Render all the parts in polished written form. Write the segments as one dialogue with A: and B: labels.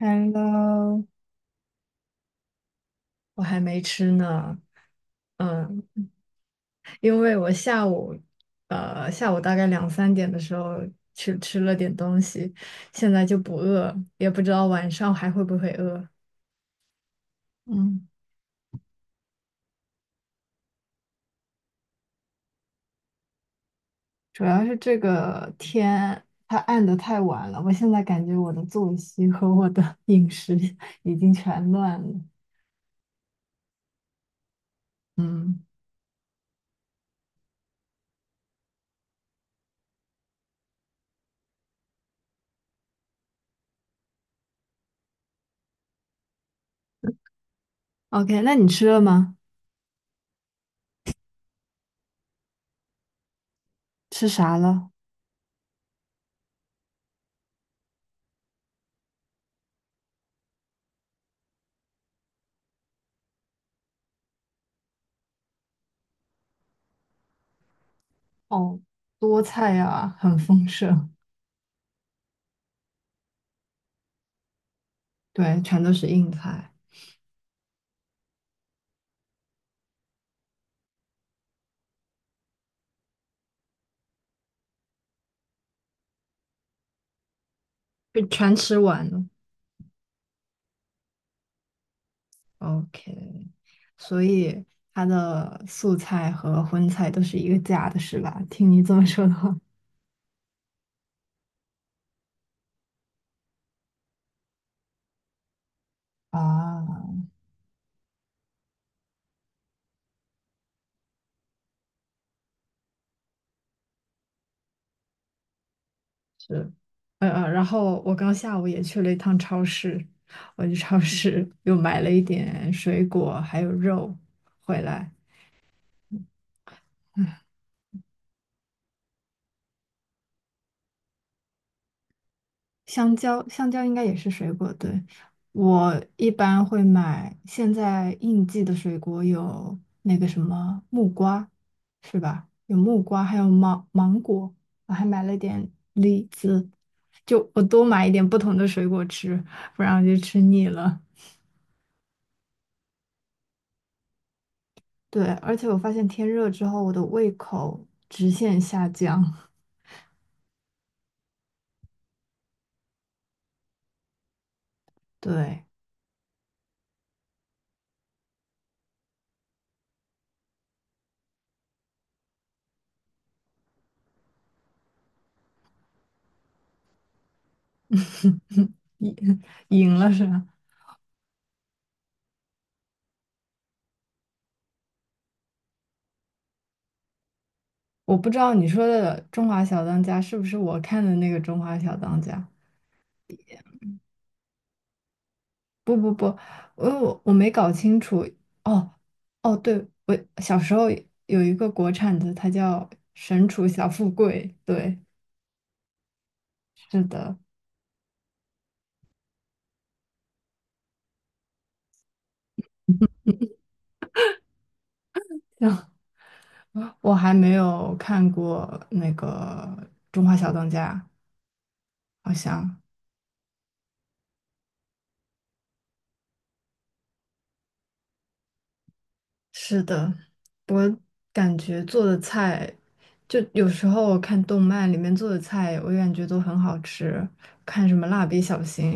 A: Hello，我还没吃呢。嗯，因为我下午，下午大概两三点的时候去吃了点东西，现在就不饿，也不知道晚上还会不会饿。嗯，主要是这个天它暗的太晚了，我现在感觉我的作息和我的 饮食已经全乱了。嗯，OK，那你吃了吗？吃啥了？哦，多菜啊，很丰盛，对，全都是硬菜。被全吃完了。OK，所以它的素菜和荤菜都是一个价的，是吧？听你这么说的话，啊，是，然后我刚下午也去了一趟超市，我去超市 又买了一点水果还有肉回来。香蕉，香蕉应该也是水果，对。我一般会买现在应季的水果有那个什么木瓜，是吧？有木瓜，还有芒果，我还买了点李子，就我多买一点不同的水果吃，不然我就吃腻了。对，而且我发现天热之后，我的胃口直线下降。对，赢赢了是吧？我不知道你说的《中华小当家》是不是我看的那个《中华小当家》？不，我没搞清楚。哦哦，对，我小时候有一个国产的，它叫《神厨小富贵》。对，是的，我还没有看过那个《中华小当家》，好像。是的，我感觉做的菜，就有时候我看动漫里面做的菜，我感觉都很好吃。看什么《蜡笔小新》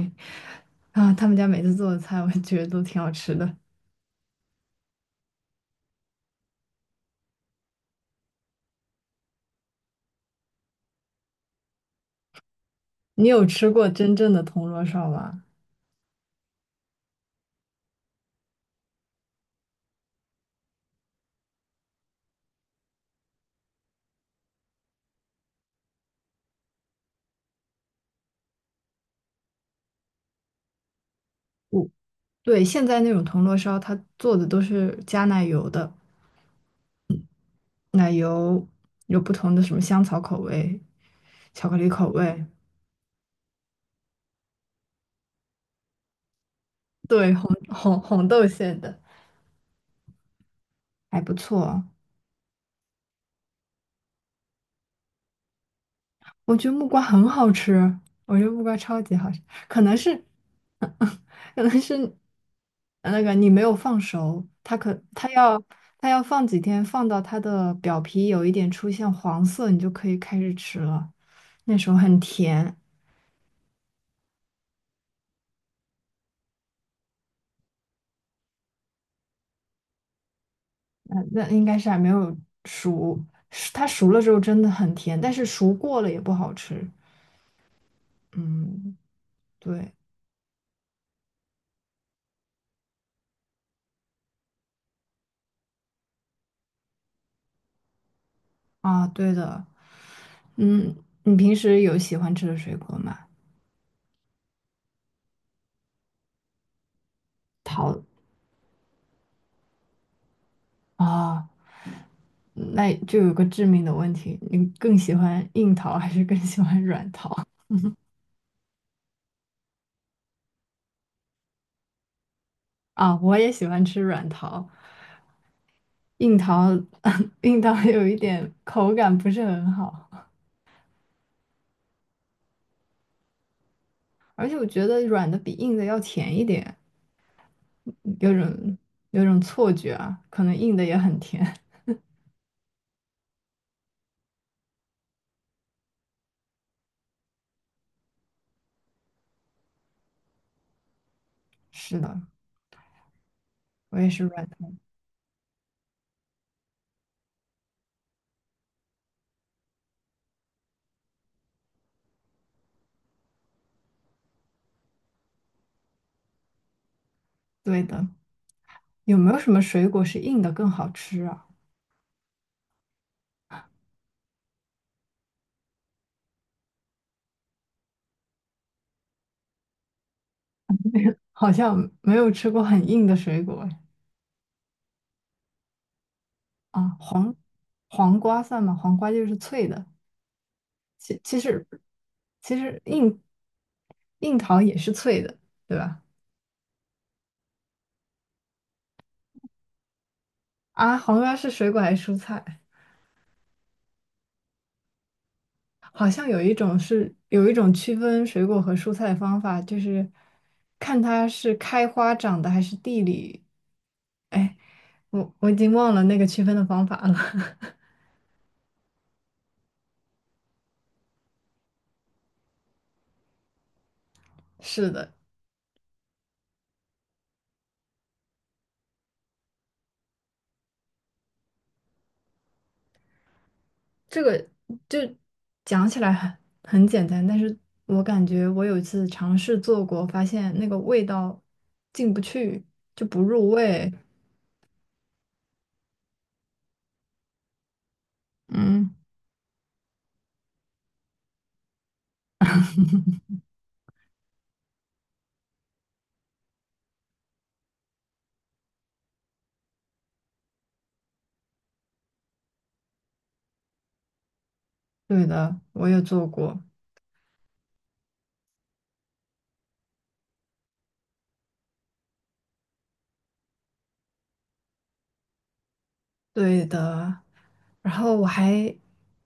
A: 啊，他们家每次做的菜，我觉得都挺好吃的。你有吃过真正的铜锣烧吗？我对，现在那种铜锣烧，它做的都是加奶油的，奶油有不同的什么香草口味、巧克力口味，对，红豆馅的，还不错。我觉得木瓜很好吃，我觉得木瓜超级好吃，可能是，可能是那个你没有放熟，它要它要放几天，放到它的表皮有一点出现黄色，你就可以开始吃了。那时候很甜，那应该是还没有熟，是它熟了之后真的很甜，但是熟过了也不好吃。嗯，对啊，对的，嗯，你平时有喜欢吃的水果吗？啊。那就有个致命的问题，你更喜欢硬桃还是更喜欢软桃啊？我也喜欢吃软桃，硬桃 硬桃有一点口感不是很好，而且我觉得软的比硬的要甜一点，有种有种错觉啊，可能硬的也很甜。是的，我也是软桃。对的，有没有什么水果是硬的更好吃啊？好像没有吃过很硬的水果哎啊，黄瓜算吗？黄瓜就是脆的。其其实其实硬糖也是脆的，对吧？啊，黄瓜是水果还是蔬菜？好像有一种有一种区分水果和蔬菜的方法，就是看它是开花长的还是地里。哎，我已经忘了那个区分的方法了。是的，这个就讲起来很很简单，但是我感觉我有一次尝试做过，发现那个味道进不去，就不入味。嗯。对的，我也做过。对的，然后我还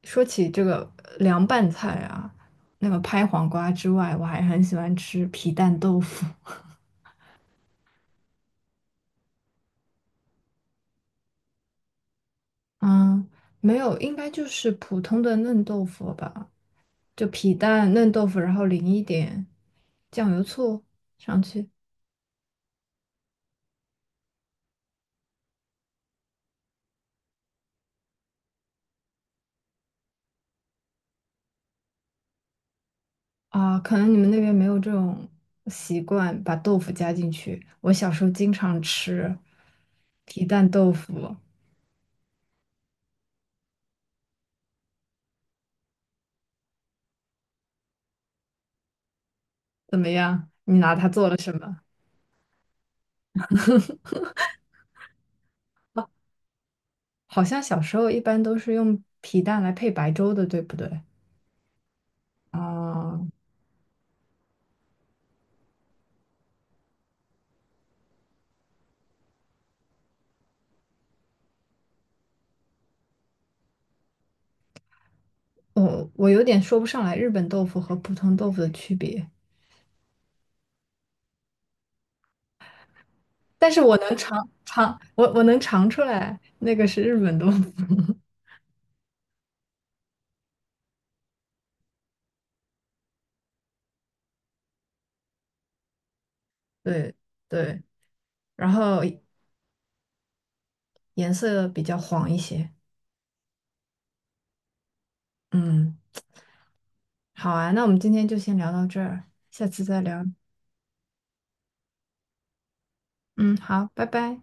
A: 说起这个凉拌菜啊，那个拍黄瓜之外，我还很喜欢吃皮蛋豆腐。嗯，没有，应该就是普通的嫩豆腐吧，就皮蛋嫩豆腐，然后淋一点酱油醋上去。啊，可能你们那边没有这种习惯，把豆腐加进去。我小时候经常吃皮蛋豆腐，怎么样？你拿它做了什么？好像小时候一般都是用皮蛋来配白粥的，对不对？啊、我有点说不上来日本豆腐和普通豆腐的区别，但是我能尝尝，我能尝出来那个是日本豆腐。对对，然后颜色比较黄一些。嗯，好啊，那我们今天就先聊到这儿，下次再聊。嗯，好，拜拜。